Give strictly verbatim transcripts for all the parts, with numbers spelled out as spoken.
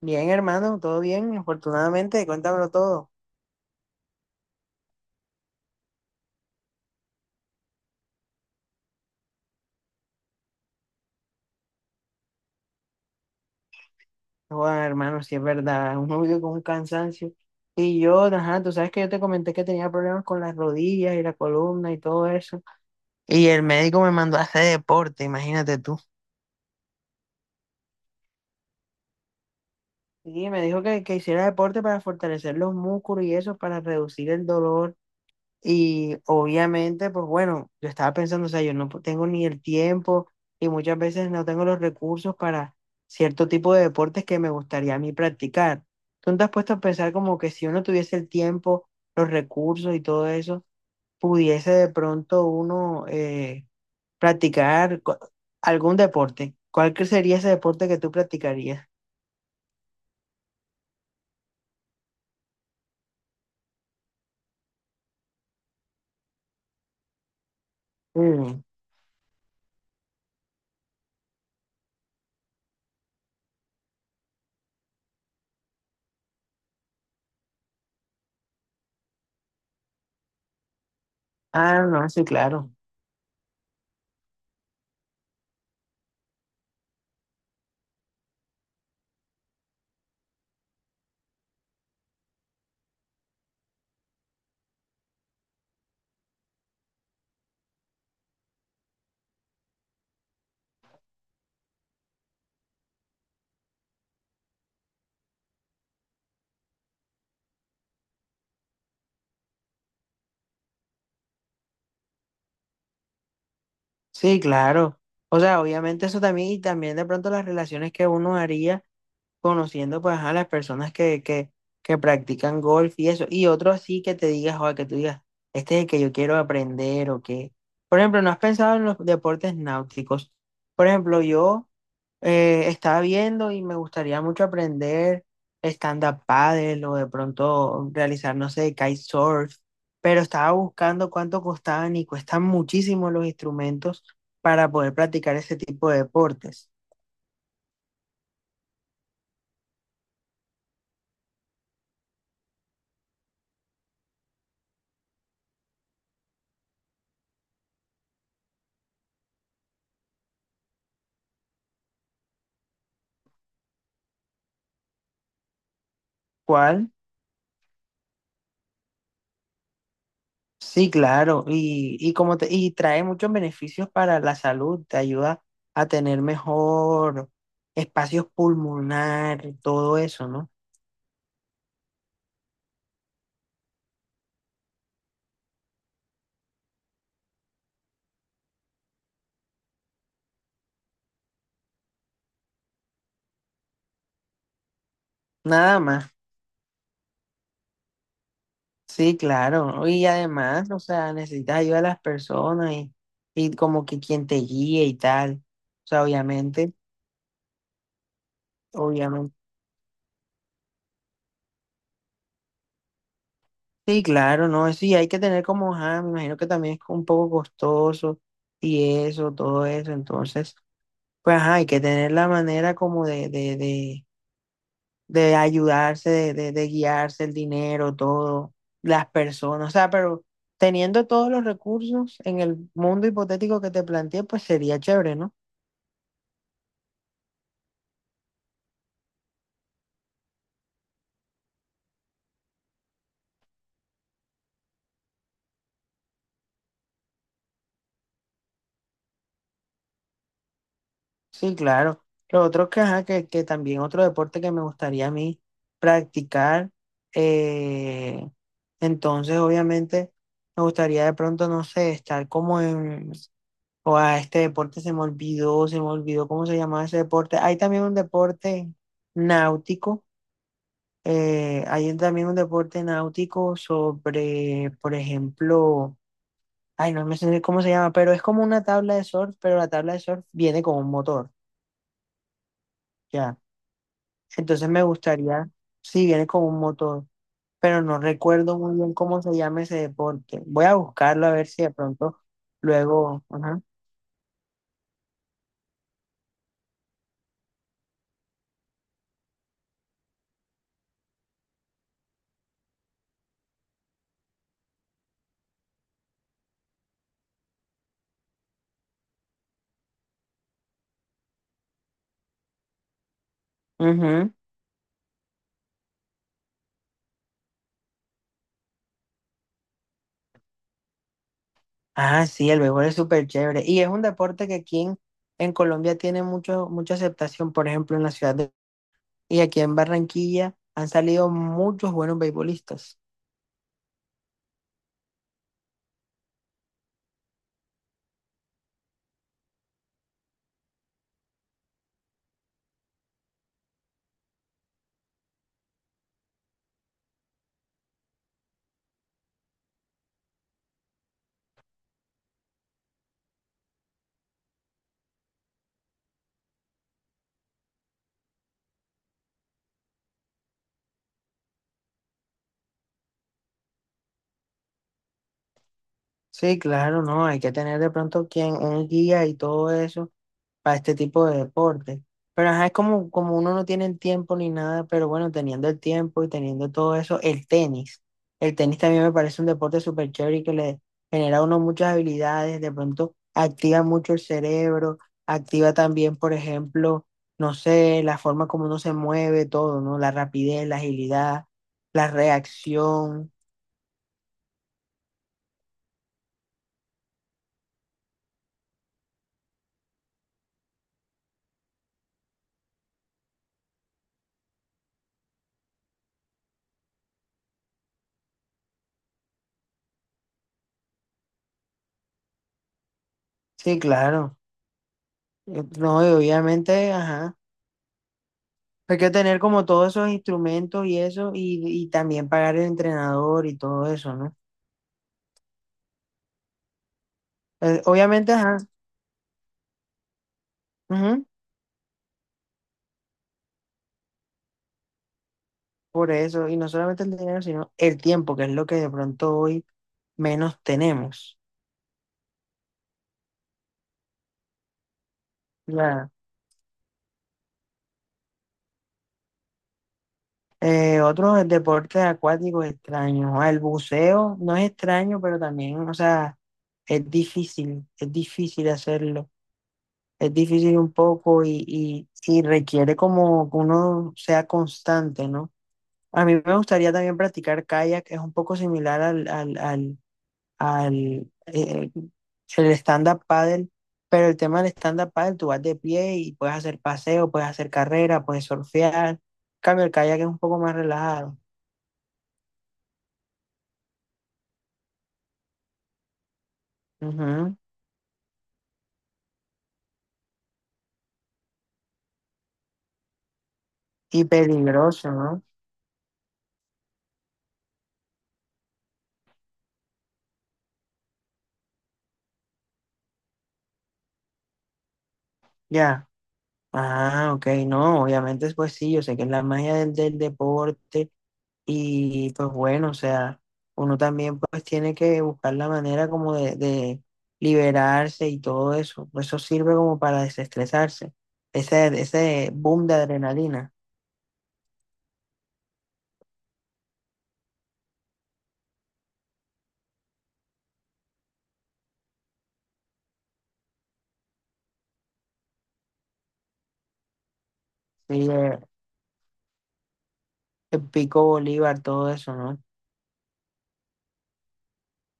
Bien, hermano, todo bien, afortunadamente, cuéntamelo todo. Bueno, hermano, sí es verdad, uno vive con un cansancio. Y yo, ajá, tú sabes que yo te comenté que tenía problemas con las rodillas y la columna y todo eso. Y el médico me mandó a hacer deporte, imagínate tú. Y me dijo que, que hiciera deporte para fortalecer los músculos y eso, para reducir el dolor. Y obviamente, pues bueno, yo estaba pensando, o sea, yo no tengo ni el tiempo y muchas veces no tengo los recursos para cierto tipo de deportes que me gustaría a mí practicar. ¿Tú no te has puesto a pensar como que si uno tuviese el tiempo, los recursos y todo eso, pudiese de pronto uno eh, practicar co- algún deporte? ¿Cuál que sería ese deporte que tú practicarías? Mm. Ah, no, sí, claro. Sí, claro. O sea, obviamente eso también y también de pronto las relaciones que uno haría conociendo pues a las personas que, que, que practican golf y eso. Y otro así que te digas, o que tú digas, este es el que yo quiero aprender o que... Por ejemplo, ¿no has pensado en los deportes náuticos? Por ejemplo, yo eh, estaba viendo y me gustaría mucho aprender stand-up paddle o de pronto realizar, no sé, kitesurf, pero estaba buscando cuánto costaban y cuestan muchísimo los instrumentos para poder practicar ese tipo de deportes. ¿Cuál? Sí, claro, y, y como te, y trae muchos beneficios para la salud, te ayuda a tener mejor espacios pulmonar, todo eso, ¿no? Nada más, sí, claro, y además, o sea, necesitas ayuda de las personas y, y como que quien te guíe y tal, o sea, obviamente, obviamente, sí, claro, ¿no? Sí, hay que tener como, ajá, me imagino que también es un poco costoso y eso, todo eso, entonces, pues, ajá, hay que tener la manera como de, de, de de ayudarse, de, de, de guiarse, el dinero, todo, las personas, o sea, pero teniendo todos los recursos en el mundo hipotético que te planteé, pues sería chévere, ¿no? Sí, claro. Lo otro que, ajá, que, que también otro deporte que me gustaría a mí practicar, eh, entonces obviamente me gustaría de pronto, no sé, estar como en, o a este deporte se me olvidó, se me olvidó cómo se llamaba ese deporte. Hay también un deporte náutico. Eh, hay también un deporte náutico sobre, por ejemplo, ay, no me sé cómo se llama, pero es como una tabla de surf, pero la tabla de surf viene con un motor, ya. Entonces me gustaría, sí, viene con un motor, pero no recuerdo muy bien cómo se llama ese deporte. Voy a buscarlo a ver si de pronto luego, ajá. Ujú. Ah, sí, el béisbol es súper chévere. Y es un deporte que aquí en, en Colombia tiene mucho, mucha aceptación, por ejemplo, en la ciudad de... Y aquí en Barranquilla han salido muchos buenos beisbolistas. Sí, claro, no, hay que tener de pronto quien, un guía y todo eso, para este tipo de deporte. Pero ajá, es como, como uno no tiene el tiempo ni nada, pero bueno, teniendo el tiempo y teniendo todo eso, el tenis. El tenis también me parece un deporte súper chévere y que le genera a uno muchas habilidades, de pronto activa mucho el cerebro, activa también, por ejemplo, no sé, la forma como uno se mueve, todo, ¿no? La rapidez, la agilidad, la reacción. Sí, claro. Eh, No, y obviamente, ajá. Hay que tener como todos esos instrumentos y eso, y, y también pagar el entrenador y todo eso, ¿no? Eh, obviamente, ajá, ujú, por eso, y no solamente el dinero, sino el tiempo, que es lo que de pronto hoy menos tenemos. Ya. Eh, otros deportes acuáticos extraños, ah, el buceo no es extraño, pero también, o sea, es difícil, es difícil hacerlo, es difícil un poco y, y, y requiere como que uno sea constante, ¿no? A mí me gustaría también practicar kayak, es un poco similar al, al, al, al, eh, el stand-up paddle, pero el tema del stand-up paddle, tú vas de pie y puedes hacer paseo, puedes hacer carrera, puedes surfear. En cambio, el kayak es un poco más relajado. Ujú. Y peligroso, ¿no? Ya. Ah, ok, no, obviamente, pues sí, yo sé que es la magia del, del deporte. Y pues bueno, o sea, uno también pues tiene que buscar la manera como de, de liberarse y todo eso. Eso sirve como para desestresarse. Ese, ese boom de adrenalina, sí, eh, el pico Bolívar, todo eso, ¿no?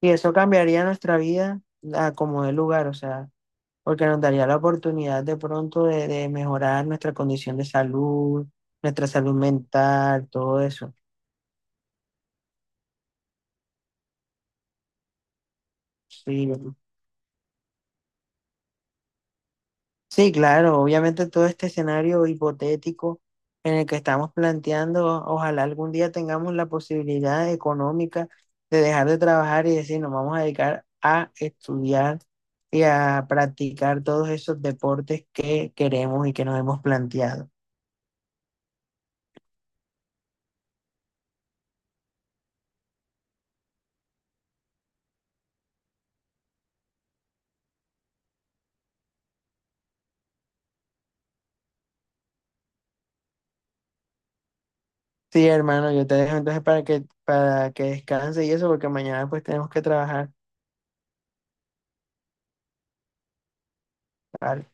Y eso cambiaría nuestra vida a como de lugar, o sea, porque nos daría la oportunidad de pronto de, de mejorar nuestra condición de salud, nuestra salud mental, todo eso. Sí. Sí, claro, obviamente todo este escenario hipotético en el que estamos planteando, ojalá algún día tengamos la posibilidad económica de dejar de trabajar y decir, nos vamos a dedicar a estudiar y a practicar todos esos deportes que queremos y que nos hemos planteado. Sí, hermano, yo te dejo entonces para que, para que descanse y eso, porque mañana pues tenemos que trabajar. ¿Vale?